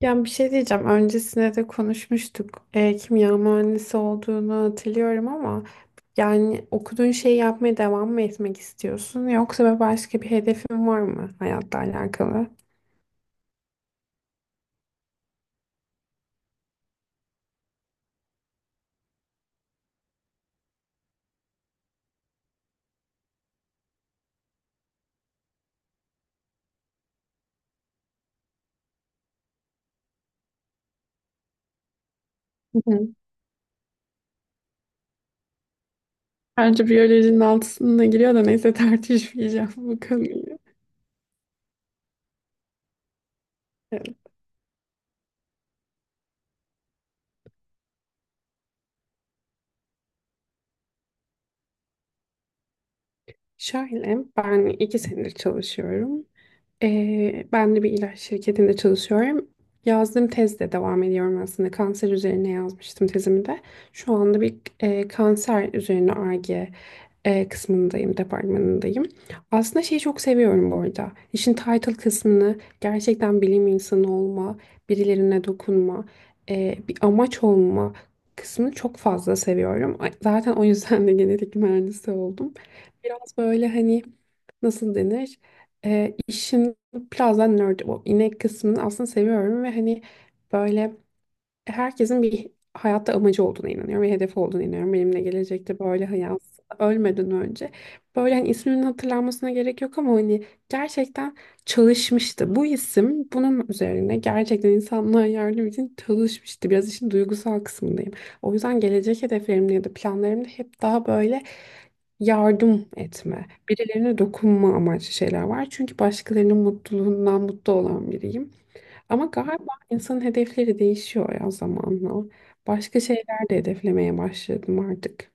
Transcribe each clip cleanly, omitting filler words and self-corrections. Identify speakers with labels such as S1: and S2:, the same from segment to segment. S1: Ya bir şey diyeceğim. Öncesinde de konuşmuştuk. Kimya mühendisi olduğunu hatırlıyorum ama yani okuduğun şeyi yapmaya devam mı etmek istiyorsun yoksa başka bir hedefin var mı hayatla alakalı? Hı hı. Bence biyolojinin altısına giriyor da neyse tartışmayacağım bu konuyu. Evet. Şöyle, ben iki senedir çalışıyorum. Ben de bir ilaç şirketinde çalışıyorum. Yazdığım tezde devam ediyorum aslında. Kanser üzerine yazmıştım tezimi de. Şu anda bir e, kanser üzerine ar e, kısmındayım, departmanındayım. Aslında şeyi çok seviyorum bu arada. İşin title kısmını, gerçekten bilim insanı olma, birilerine dokunma, bir amaç olma kısmını çok fazla seviyorum. Zaten o yüzden de genetik mühendisi oldum. Biraz böyle hani, nasıl denir? İşin biraz da nerd, o inek kısmını aslında seviyorum ve hani böyle herkesin bir hayatta amacı olduğuna inanıyorum ve hedefi olduğuna inanıyorum. Benimle gelecekte böyle hayat, ölmeden önce böyle hani isminin hatırlanmasına gerek yok ama hani gerçekten çalışmıştı. Bu isim bunun üzerine gerçekten insanlığa yardım için çalışmıştı. Biraz işin duygusal kısmındayım. O yüzden gelecek hedeflerimde ya da planlarımda hep daha böyle yardım etme, birilerine dokunma amaçlı şeyler var. Çünkü başkalarının mutluluğundan mutlu olan biriyim. Ama galiba insanın hedefleri değişiyor ya zamanla. Başka şeyler de hedeflemeye başladım artık.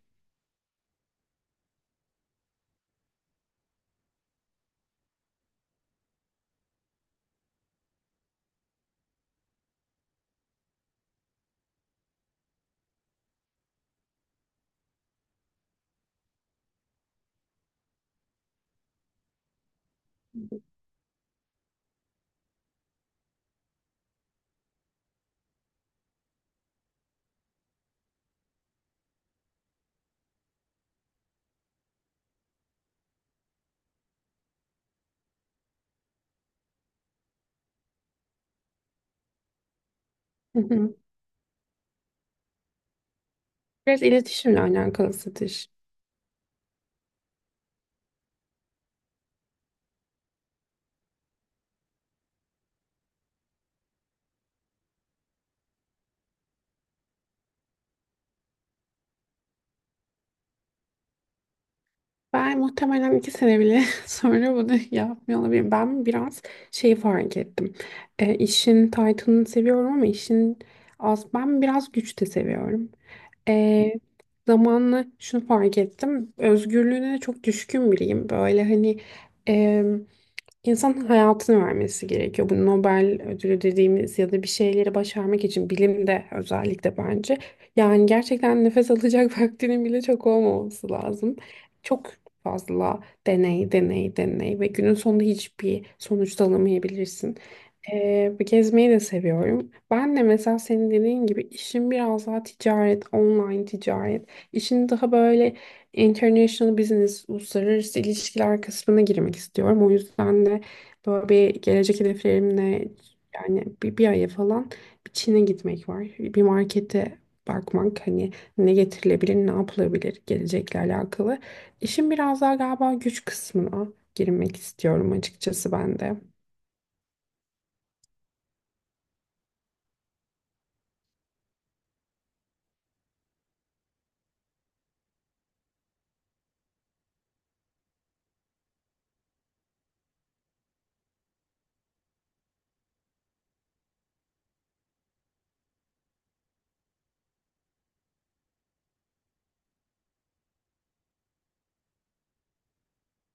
S1: Hı hı. Biraz iletişimle alakalı satış. Ben muhtemelen iki sene bile sonra bunu yapmıyor olabilirim. Ben biraz şey fark ettim. İşin title'ını seviyorum ama işin az. Ben biraz güç de seviyorum. E, Zamanla şunu fark ettim. Özgürlüğüne de çok düşkün biriyim. Böyle hani, İnsanın hayatını vermesi gerekiyor. Bu Nobel ödülü dediğimiz ya da bir şeyleri başarmak için bilimde özellikle bence. Yani gerçekten nefes alacak vaktinin bile çok olmaması lazım. Çok fazla deney, deney, deney ve günün sonunda hiçbir sonuç da alamayabilirsin. Gezmeyi de seviyorum. Ben de mesela senin dediğin gibi işim biraz daha ticaret, online ticaret. İşin daha böyle International Business, uluslararası ilişkiler kısmına girmek istiyorum. O yüzden de böyle bir gelecek hedeflerimle yani bir aya falan bir Çin'e gitmek var. Bir markete bakmak, hani ne getirilebilir, ne yapılabilir gelecekle alakalı. İşin biraz daha galiba güç kısmına girmek istiyorum açıkçası ben de.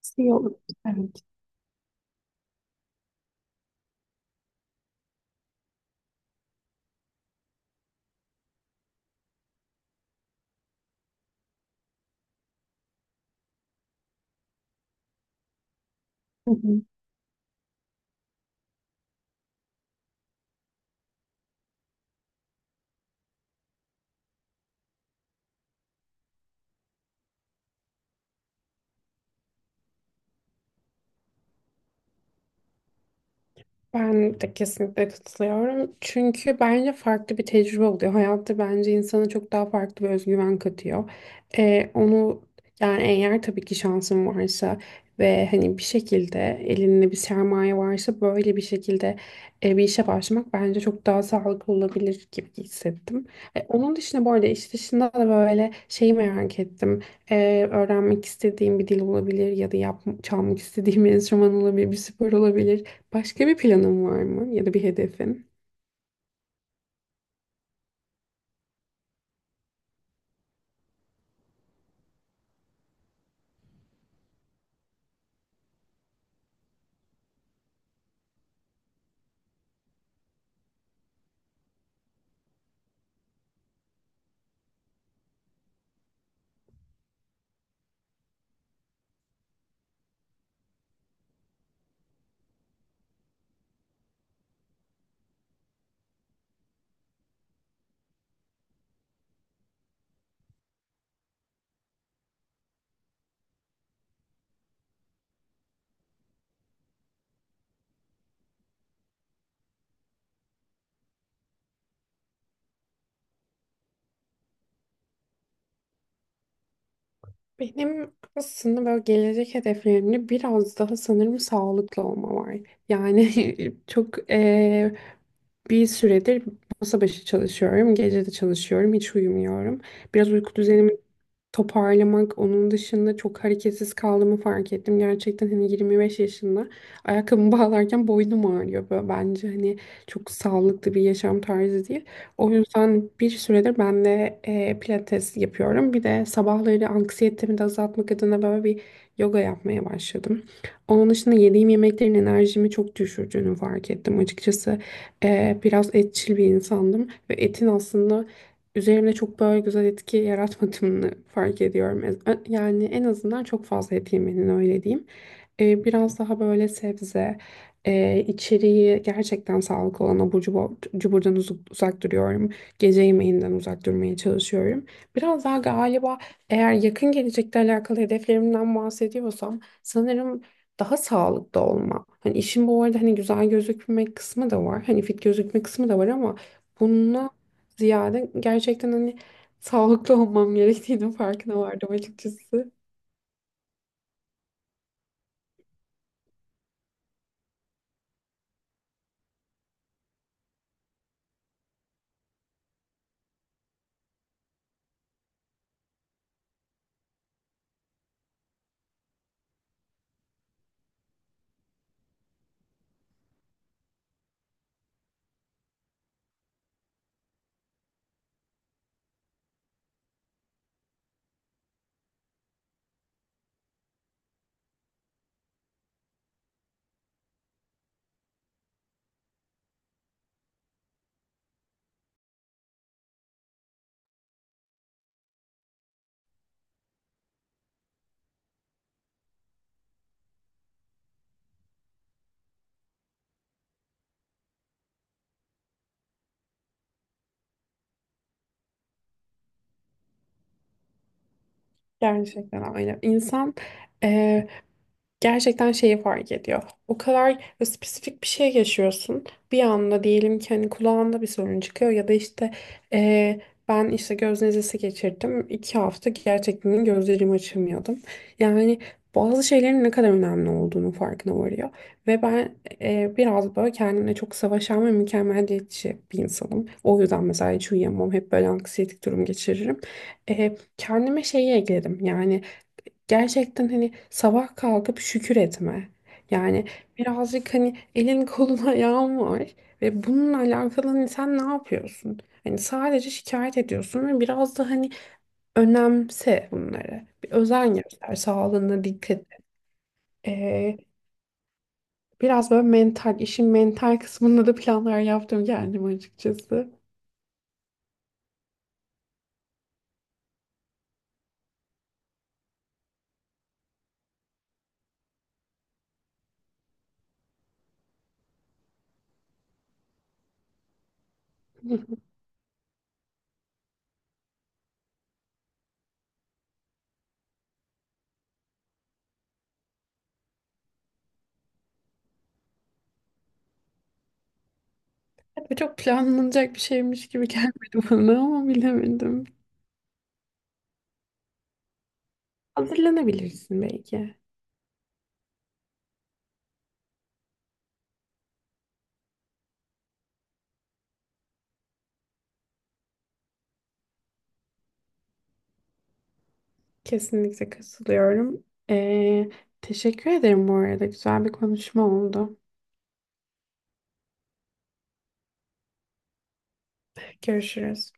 S1: Şey olur. Evet. Hı hı. Ben de kesinlikle katılıyorum. Çünkü bence farklı bir tecrübe oluyor. Hayatta bence insana çok daha farklı bir özgüven katıyor. Onu yani eğer tabii ki şansın varsa ve hani bir şekilde elinde bir sermaye varsa böyle bir şekilde bir işe başlamak bence çok daha sağlıklı olabilir gibi hissettim. Onun dışında bu arada iş dışında da böyle şeyi merak ettim. Öğrenmek istediğim bir dil olabilir ya da çalmak istediğim bir enstrüman olabilir, bir spor olabilir. Başka bir planın var mı ya da bir hedefin? Benim aslında böyle gelecek hedeflerimde biraz daha sanırım sağlıklı olma var. Yani çok, bir süredir masa başı çalışıyorum. Gece de çalışıyorum. Hiç uyumuyorum. Biraz uyku düzenimi toparlamak, onun dışında çok hareketsiz kaldığımı fark ettim. Gerçekten hani 25 yaşında ayakkabımı bağlarken boynum ağrıyor. Böyle bence hani çok sağlıklı bir yaşam tarzı değil. O yüzden bir süredir ben de pilates yapıyorum. Bir de sabahları anksiyetemi de azaltmak adına böyle bir yoga yapmaya başladım. Onun dışında yediğim yemeklerin enerjimi çok düşürdüğünü fark ettim açıkçası. Biraz etçil bir insandım ve etin aslında üzerimde çok böyle güzel etki yaratmadığını fark ediyorum. Yani en azından çok fazla et yemenin öyle diyeyim. Biraz daha böyle sebze, içeriği gerçekten sağlıklı olan abur cubur, cuburdan uzak duruyorum. Gece yemeğinden uzak durmaya çalışıyorum. Biraz daha galiba eğer yakın gelecekte alakalı hedeflerimden bahsediyorsam sanırım daha sağlıklı olma. Hani işin bu arada hani güzel gözükmek kısmı da var. Hani fit gözükme kısmı da var ama bununla ziyade gerçekten hani sağlıklı olmam gerektiğinin farkına vardım açıkçası. Gerçekten öyle. İnsan eee, gerçekten şeyi fark ediyor. O kadar böyle spesifik bir şey yaşıyorsun. Bir anda diyelim ki hani kulağında bir sorun çıkıyor ya da işte eee, ben işte göz nezlesi geçirdim. İki hafta gerçekten gözlerimi açamıyordum. Yani bazı şeylerin ne kadar önemli olduğunu farkına varıyor. Ve ben biraz böyle kendimle çok savaşan ve mükemmeliyetçi bir insanım. O yüzden mesela hiç uyuyamam. Hep böyle anksiyetik durum geçiririm. Kendime şeyi ekledim. Yani gerçekten hani sabah kalkıp şükür etme. Yani birazcık hani elin kolun ayağın var ve bununla alakalı hani sen ne yapıyorsun? Hani sadece şikayet ediyorsun ve biraz da hani önemse bunları. Bir özen göster, sağlığına dikkat et. Ee, Biraz böyle mental, işin mental kısmında da planlar yaptım kendim açıkçası. Bu çok planlanacak bir şeymiş gibi gelmedi bana ama bilemedim. Hazırlanabilirsin belki. Kesinlikle katılıyorum. Ee, Teşekkür ederim bu arada. Güzel bir konuşma oldu. Görüşürüz.